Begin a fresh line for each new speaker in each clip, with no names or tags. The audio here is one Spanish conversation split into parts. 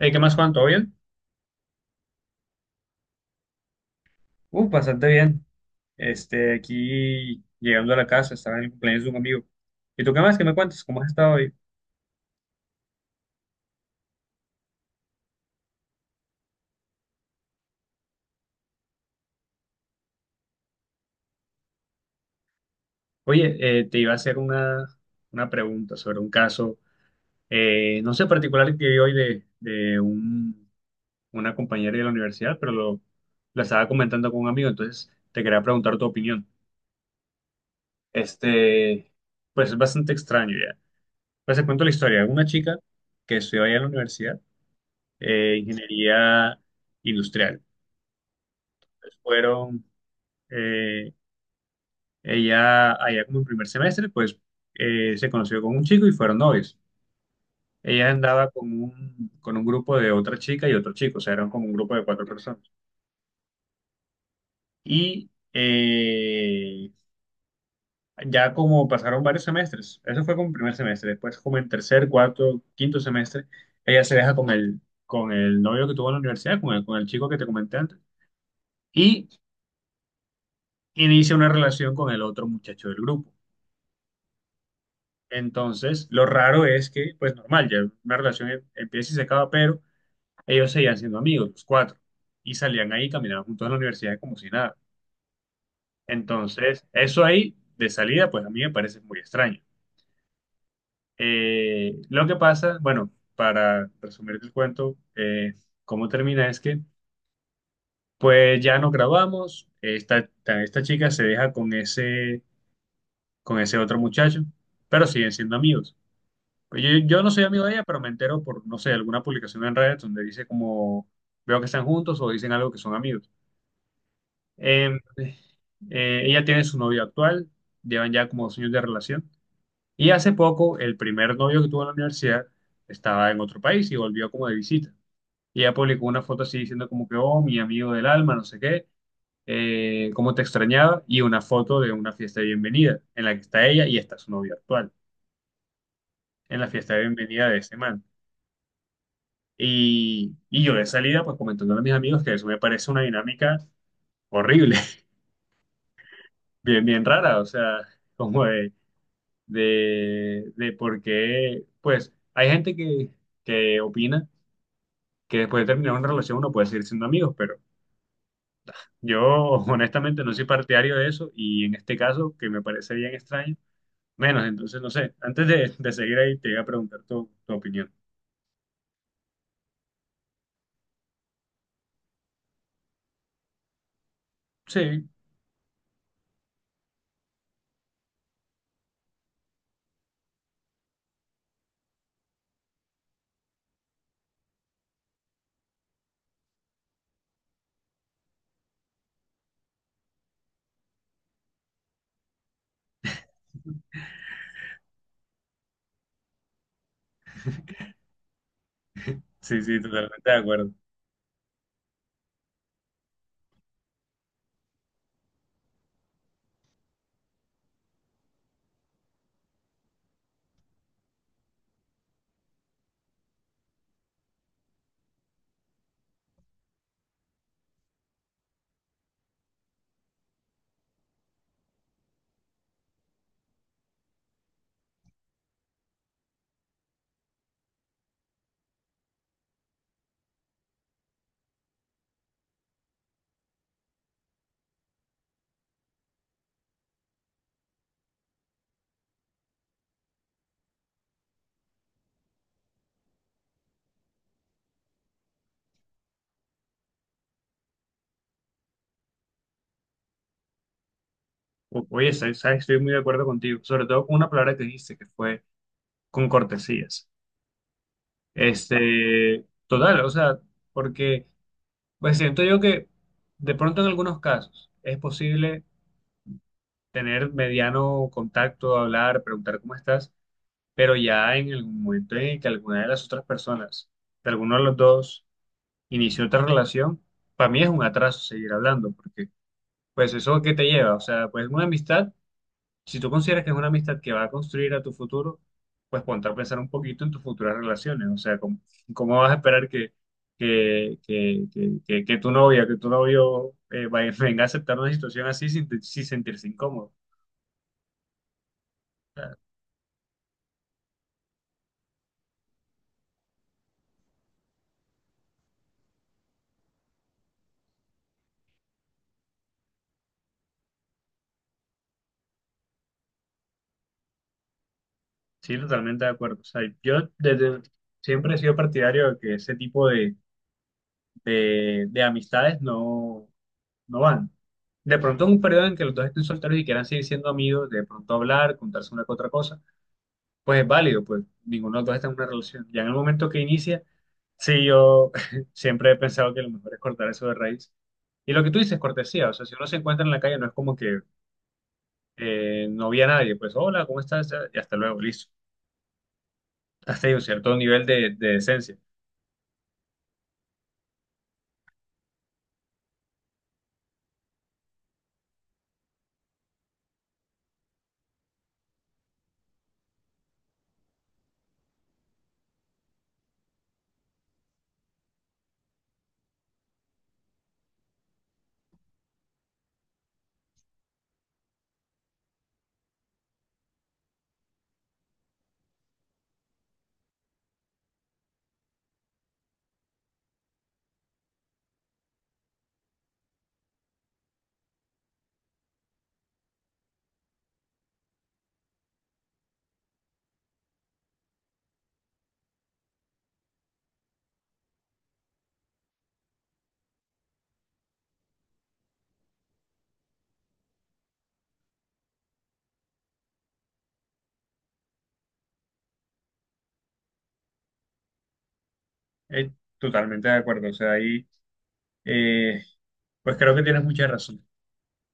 Hey, ¿qué más, Juan? ¿Todo bien? Bastante bien. Aquí llegando a la casa, estaba en el cumpleaños de un amigo. ¿Y tú qué más? ¿Qué me cuentas? ¿Cómo has estado hoy? Oye, te iba a hacer una pregunta sobre un caso, no sé, particular que vi hoy una compañera de la universidad, pero la estaba comentando con un amigo, entonces te quería preguntar tu opinión. Este, pues es bastante extraño ya. Pues te cuento la historia. Una chica que estudió allá en la universidad, ingeniería industrial. Entonces, fueron eh, ella allá como en primer semestre, pues se conoció con un chico y fueron novios. Ella andaba con con un grupo de otra chica y otro chico, o sea, eran como un grupo de cuatro personas. Y ya como pasaron varios semestres, eso fue como en primer semestre, después como en tercer, cuarto, quinto semestre, ella se deja con con el novio que tuvo en la universidad, con con el chico que te comenté antes, y inicia una relación con el otro muchacho del grupo. Entonces, lo raro es que, pues normal, ya una relación empieza y se acaba, pero ellos seguían siendo amigos, los cuatro, y salían ahí, caminaban juntos a la universidad como si nada. Entonces, eso ahí, de salida, pues a mí me parece muy extraño. Lo que pasa, bueno, para resumir el cuento, cómo termina es que, pues ya nos graduamos, esta chica se deja con con ese otro muchacho, pero siguen siendo amigos. Pues yo no soy amigo de ella, pero me entero por, no sé, alguna publicación en redes donde dice como veo que están juntos o dicen algo que son amigos. Eh, ella tiene su novio actual, llevan ya como dos años de relación. Y hace poco, el primer novio que tuvo en la universidad estaba en otro país y volvió como de visita. Y ella publicó una foto así diciendo como que, oh, mi amigo del alma, no sé qué, cómo te extrañaba, y una foto de una fiesta de bienvenida en la que está ella y está su novio actual, en la fiesta de bienvenida de ese man. Y yo de salida, pues comentándole a mis amigos que eso me parece una dinámica horrible, bien, bien rara, o sea, como de, de por qué, pues hay gente que opina que después de terminar una relación uno puede seguir siendo amigos, pero yo honestamente no soy partidario de eso y en este caso, que me parece bien extraño, menos, entonces no sé, antes de seguir ahí te iba a preguntar tu opinión. Sí, sí, sí, totalmente de acuerdo. Oye, sabes, estoy muy de acuerdo contigo, sobre todo con una palabra que dijiste, que fue con cortesías. Este, total, o sea, porque pues siento yo que de pronto en algunos casos es posible tener mediano contacto, hablar, preguntar cómo estás, pero ya en el momento en el que alguna de las otras personas, de alguno de los dos, inició otra relación, para mí es un atraso seguir hablando, porque pues eso que te lleva, o sea, pues una amistad. Si tú consideras que es una amistad que va a construir a tu futuro, pues ponte a pensar un poquito en tus futuras relaciones. O sea, ¿cómo, cómo vas a esperar que tu novia, que tu novio venga a aceptar una situación así sin sentirse incómodo? Sí, totalmente de acuerdo. O sea, yo desde siempre he sido partidario de que ese tipo de amistades no van. De pronto es un periodo en que los dos estén solteros y quieran seguir siendo amigos, de pronto hablar, contarse una que otra cosa pues es válido, pues ninguno de los dos está en una relación. Ya en el momento que inicia, sí, yo siempre he pensado que lo mejor es cortar eso de raíz. Y lo que tú dices, cortesía, o sea, si uno se encuentra en la calle, no es como que no vi a nadie, pues hola, ¿cómo estás? Y hasta luego, listo. Hasta ahí un cierto nivel de decencia. Eh, Totalmente de acuerdo, o sea, ahí, eh, pues creo que tienes mucha razón.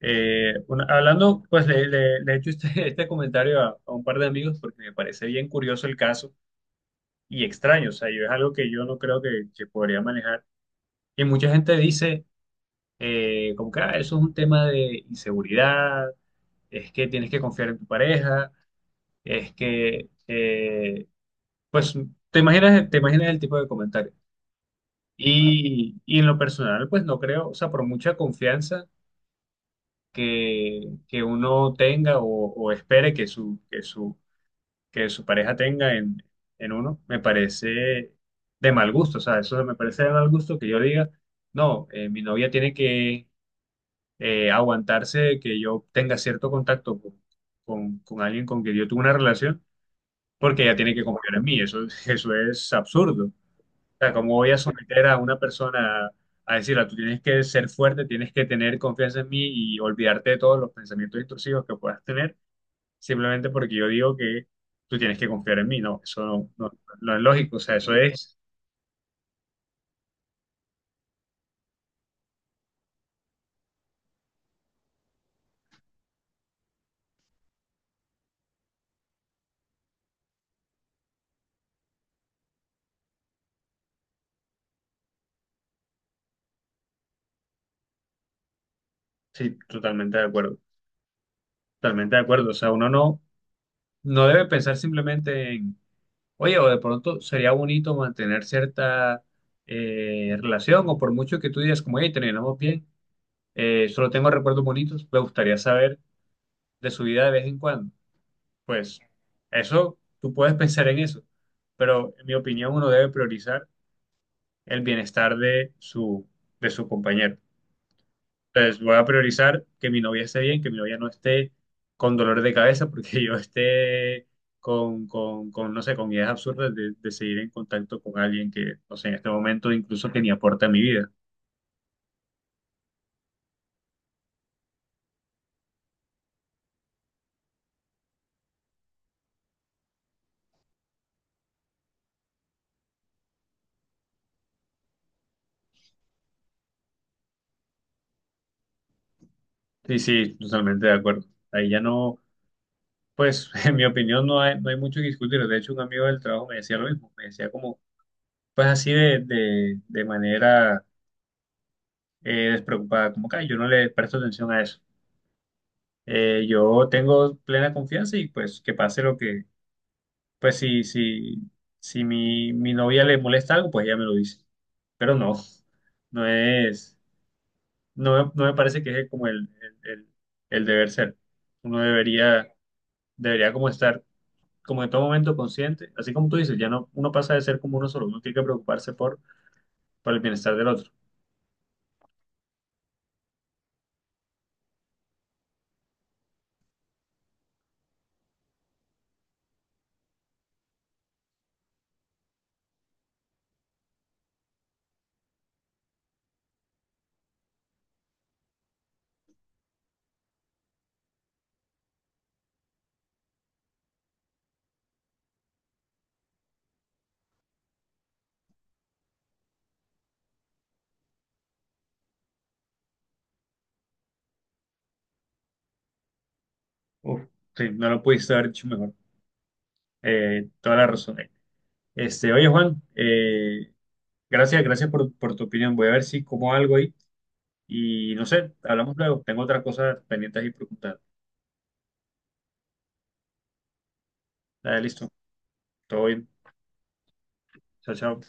Hablando, pues le he hecho este, este comentario a un par de amigos porque me parece bien curioso el caso y extraño. O sea, yo es algo que yo no creo que podría manejar. Y mucha gente dice, como que "Ah, eso es un tema de inseguridad, es que tienes que confiar en tu pareja, es que, pues, te imaginas el tipo de comentario. Y en lo personal, pues no creo, o sea, por mucha confianza que uno tenga o espere que que su pareja tenga en uno, me parece de mal gusto. O sea, eso me parece de mal gusto que yo diga, no, mi novia tiene que aguantarse que yo tenga cierto contacto con, con alguien con quien yo tuve una relación, porque ella tiene que confiar en mí. Eso, eso es absurdo. O sea, ¿cómo voy a someter a una persona a decirle, tú tienes que ser fuerte, tienes que tener confianza en mí y olvidarte de todos los pensamientos intrusivos que puedas tener? Simplemente porque yo digo que tú tienes que confiar en mí, no, eso no, no es lógico, o sea, eso es, sí, totalmente de acuerdo, o sea, uno no, no debe pensar simplemente en, oye, o de pronto sería bonito mantener cierta relación, o por mucho que tú digas, como, oye, terminamos bien, solo tengo recuerdos bonitos, me gustaría saber de su vida de vez en cuando, pues eso, tú puedes pensar en eso, pero en mi opinión uno debe priorizar el bienestar de su compañero. Entonces, voy a priorizar que mi novia esté bien, que mi novia no esté con dolor de cabeza, porque yo esté con, no sé, con ideas absurdas de seguir en contacto con alguien que, no sé, en este momento incluso que ni aporta a mi vida. Sí, totalmente de acuerdo. Ahí ya no, pues, en mi opinión no hay, no hay mucho que discutir. De hecho, un amigo del trabajo me decía lo mismo, me decía como, pues así de, de manera despreocupada, como que "Ay, yo no le presto atención a eso. Yo tengo plena confianza y pues que pase lo que pues si, si mi novia le molesta algo, pues ella me lo dice. Pero no, no es, no, no me parece que es como el, el- el deber ser. Uno debería, Debería como estar como en todo momento consciente, así como tú dices, ya no, uno pasa de ser como uno solo, uno tiene que preocuparse por el bienestar del otro. Uf, sí, no lo pudiste haber dicho mejor. Toda la razón. Este, oye Juan, gracias, gracias por tu opinión. Voy a ver si como algo ahí. Y no sé, hablamos luego. Tengo otras cosas pendientes y preguntar. Dale, listo. Todo bien. Chao, chao.